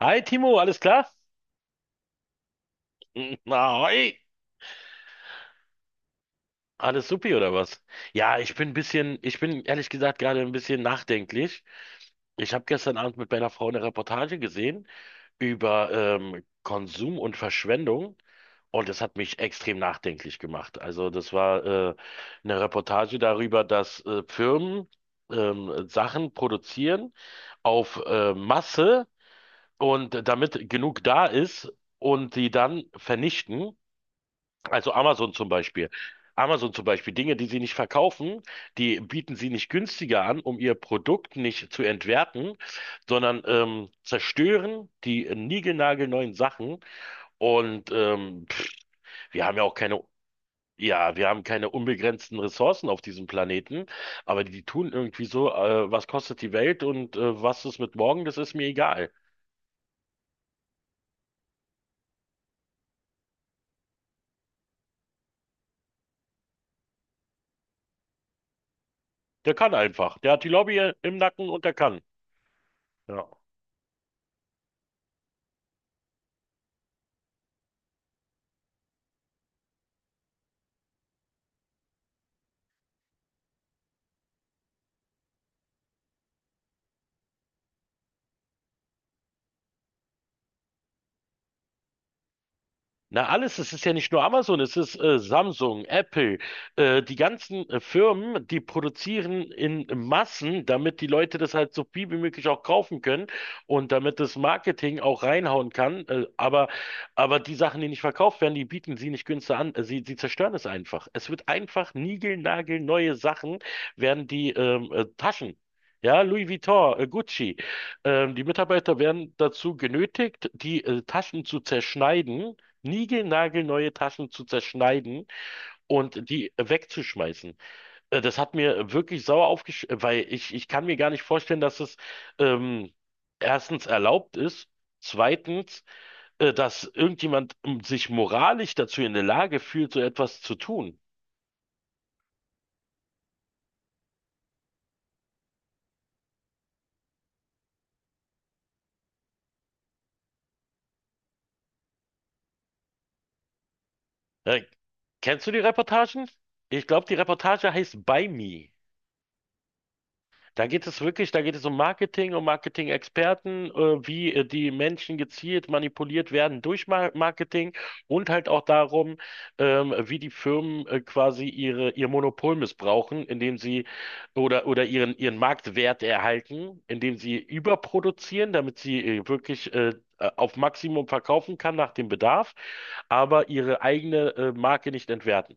Hi Timo, alles klar? Ahoi. Alles supi oder was? Ja, ich bin ein bisschen, ich bin ehrlich gesagt gerade ein bisschen nachdenklich. Ich habe gestern Abend mit meiner Frau eine Reportage gesehen über Konsum und Verschwendung und das hat mich extrem nachdenklich gemacht. Also das war äh, eine Reportage darüber, dass Firmen Sachen produzieren auf Masse und damit genug da ist und die dann vernichten. Also Amazon zum Beispiel. Amazon zum Beispiel, Dinge, die sie nicht verkaufen, die bieten sie nicht günstiger an, um ihr Produkt nicht zu entwerten, sondern zerstören die niegelnagelneuen Sachen. Und wir haben ja auch keine, ja, wir haben keine unbegrenzten Ressourcen auf diesem Planeten, aber die tun irgendwie so, was kostet die Welt und was ist mit morgen, das ist mir egal. Der kann einfach. Der hat die Lobby im Nacken und der kann. Ja. Na alles, es ist ja nicht nur Amazon, es ist Samsung, Apple, die ganzen Firmen, die produzieren in Massen, damit die Leute das halt so viel wie möglich auch kaufen können und damit das Marketing auch reinhauen kann. Aber die Sachen, die nicht verkauft werden, die bieten sie nicht günstig an. Sie zerstören es einfach. Es wird einfach niegelnagelneue Sachen werden die Taschen. Ja, Louis Vuitton, Gucci. Die Mitarbeiter werden dazu genötigt, die Taschen zu zerschneiden, niegelnagelneue Taschen zu zerschneiden und die wegzuschmeißen. Das hat mir wirklich sauer aufgesch, weil ich kann mir gar nicht vorstellen, dass es ähm, erstens erlaubt ist, zweitens, dass irgendjemand sich moralisch dazu in der Lage fühlt, so etwas zu tun. Äh, Kennst du die Reportagen? Ich glaube, die Reportage heißt By Me. Da geht es wirklich, da geht es um Marketing, um Marketing-Experten, wie die Menschen gezielt manipuliert werden durch Marketing und halt auch darum, wie die Firmen quasi ihr Monopol missbrauchen, indem sie oder ihren Marktwert erhalten, indem sie überproduzieren, damit sie wirklich auf Maximum verkaufen kann nach dem Bedarf, aber ihre eigene Marke nicht entwerten.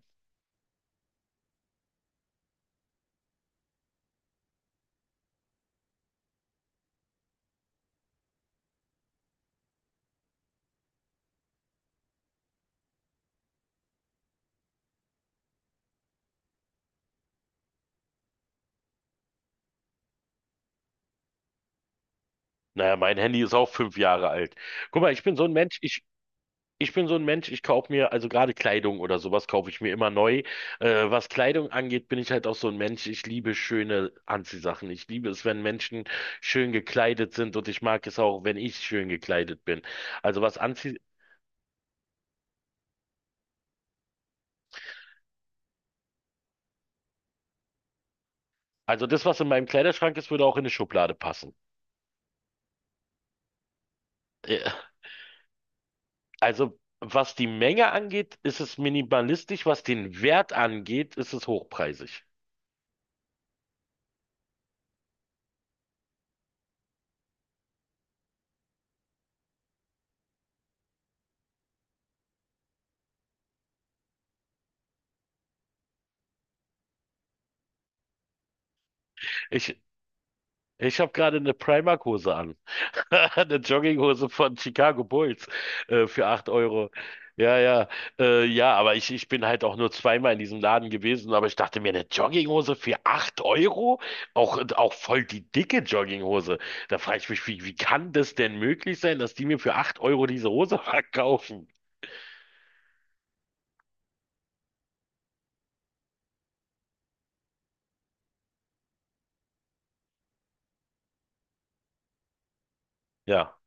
Naja, mein Handy ist auch 5 Jahre alt. Guck mal, ich bin so ein Mensch, ich bin so ein Mensch, ich kaufe mir, also gerade Kleidung oder sowas kaufe ich mir immer neu. Was Kleidung angeht, bin ich halt auch so ein Mensch, ich liebe schöne Anziehsachen. Ich liebe es, wenn Menschen schön gekleidet sind und ich mag es auch, wenn ich schön gekleidet bin. Also was anzie also das, was in meinem Kleiderschrank ist, würde auch in eine Schublade passen. Äh, also was die Menge angeht, ist es minimalistisch, was den Wert angeht, ist es hochpreisig. Ich, ich habe gerade eine Primark-Hose an. Eine Jogginghose von Chicago Bulls für 8 Euro. Ja, ja, ja, aber ich bin halt auch nur zweimal in diesem Laden gewesen, aber ich dachte mir, eine Jogginghose für 8 Euro? Auch, auch voll die dicke Jogginghose. Da frage ich mich, wie kann das denn möglich sein, dass die mir für 8 Euro diese Hose verkaufen? Ja.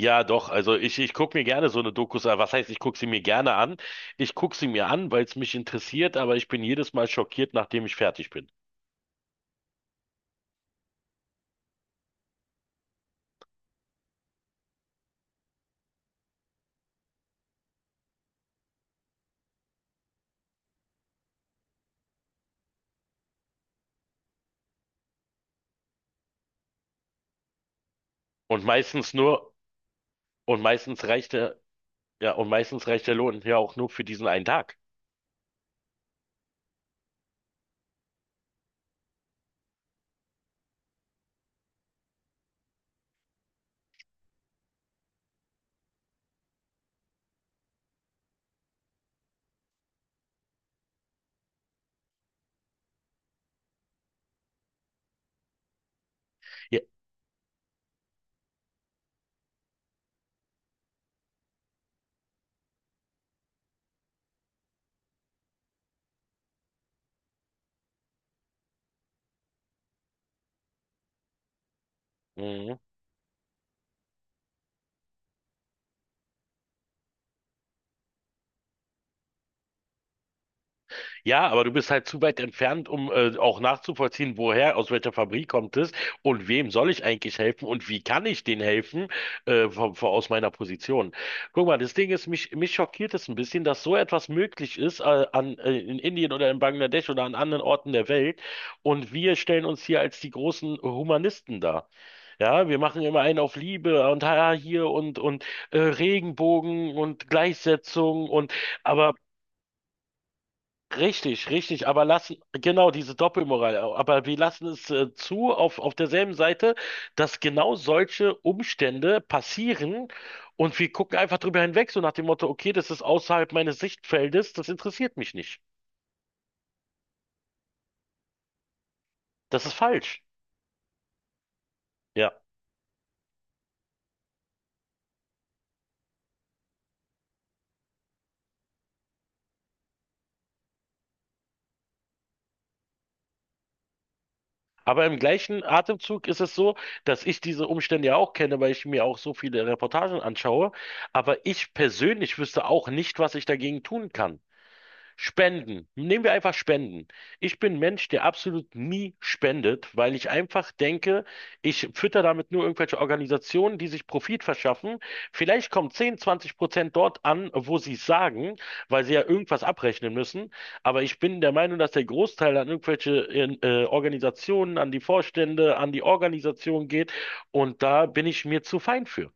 Ja, doch, also ich gucke mir gerne so eine Dokus an. Was heißt, ich gucke sie mir gerne an? Ich gucke sie mir an, weil es mich interessiert, aber ich bin jedes Mal schockiert, nachdem ich fertig bin. Und meistens nur, Und meistens reicht der, ja, und meistens reicht der Lohn ja auch nur für diesen einen Tag. Ja. Mhm. Ja, aber du bist halt zu weit entfernt, um auch nachzuvollziehen, woher, aus welcher Fabrik kommt es und wem soll ich eigentlich helfen und wie kann ich denen helfen aus meiner Position. Guck mal, das Ding ist, mich schockiert es ein bisschen, dass so etwas möglich ist in Indien oder in Bangladesch oder an anderen Orten der Welt und wir stellen uns hier als die großen Humanisten dar. Ja, wir machen immer einen auf Liebe und hier und Regenbogen und Gleichsetzung und aber richtig, richtig, genau diese Doppelmoral, aber wir lassen es zu auf derselben Seite, dass genau solche Umstände passieren und wir gucken einfach drüber hinweg, so nach dem Motto, okay, das ist außerhalb meines Sichtfeldes, das interessiert mich nicht. Das ist falsch. Ja. Aber im gleichen Atemzug ist es so, dass ich diese Umstände ja auch kenne, weil ich mir auch so viele Reportagen anschaue. Aber ich persönlich wüsste auch nicht, was ich dagegen tun kann. Spenden. Nehmen wir einfach Spenden. Ich bin ein Mensch, der absolut nie spendet, weil ich einfach denke, ich fütter damit nur irgendwelche Organisationen, die sich Profit verschaffen. Vielleicht kommen 10, 20% dort an, wo sie es sagen, weil sie ja irgendwas abrechnen müssen. Aber ich bin der Meinung, dass der Großteil an irgendwelche Organisationen, an die Vorstände, an die Organisation geht. Und da bin ich mir zu fein für.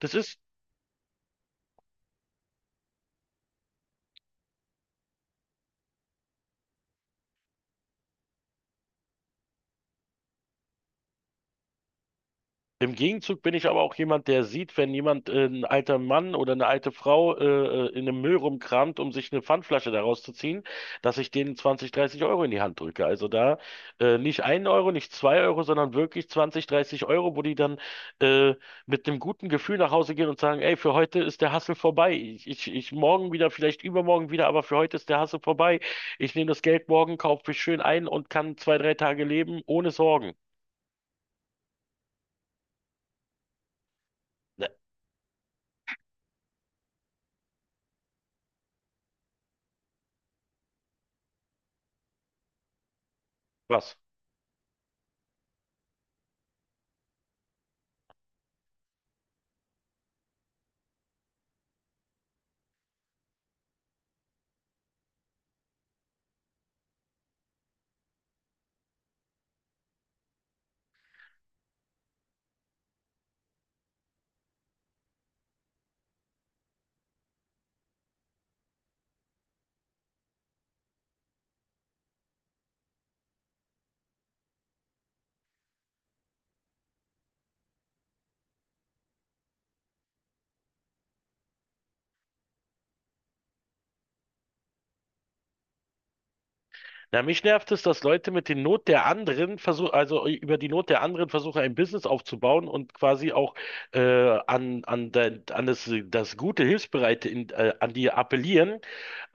Das ist im Gegenzug bin ich aber auch jemand, der sieht, wenn ein alter Mann oder eine alte in einem Müll rumkramt, um sich eine Pfandflasche daraus zu ziehen, dass ich denen 20, 30 Euro in die Hand drücke. Nicht einen Euro, nicht zwei Euro, sondern wirklich 20, 30 Euro, wo die äh, mit einem guten Gefühl nach Hause gehen und sagen, ey, für heute ist der Hassel vorbei. Ich morgen wieder, vielleicht übermorgen wieder, aber für heute ist der Hassel vorbei. Ich nehme das Geld morgen, kaufe mich schön ein und kann zwei, drei Tage leben ohne Sorgen. Ne, was? Na, mich nervt es, dass Leute mit den Not der anderen versuchen, also über die Not der anderen versuchen, ein Business aufzubauen und quasi auch äh, an das gute, Hilfsbereite an die appellieren,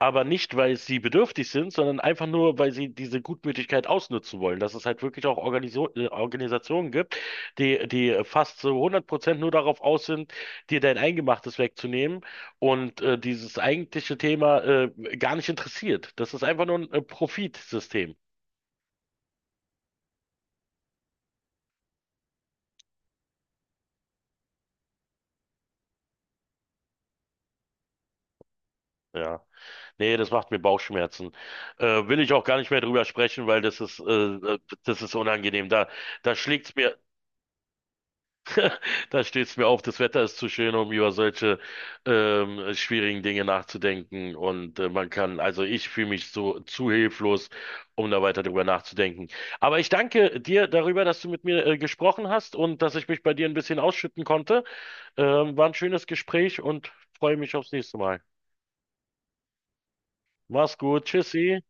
aber nicht, weil sie bedürftig sind, sondern einfach nur, weil sie diese Gutmütigkeit ausnutzen wollen. Dass es halt wirklich auch Organiso Organisationen gibt, die fast so 100% nur darauf aus sind, dir dein Eingemachtes wegzunehmen und dieses eigentliche Thema gar nicht interessiert. Das ist einfach nur ein Profitsystem. Ja, nee, das macht mir Bauchschmerzen. Will ich auch gar nicht mehr drüber sprechen, weil das das ist unangenehm. Da schlägt's mir, da steht's mir auf. Das Wetter ist zu schön, um über solche schwierigen Dinge nachzudenken. Und also ich fühle mich so zu hilflos, um da weiter drüber nachzudenken. Aber ich danke dir darüber, dass du mit mir gesprochen hast und dass ich mich bei dir ein bisschen ausschütten konnte. War ein schönes Gespräch und freue mich aufs nächste Mal. Mach's gut. Tschüssi.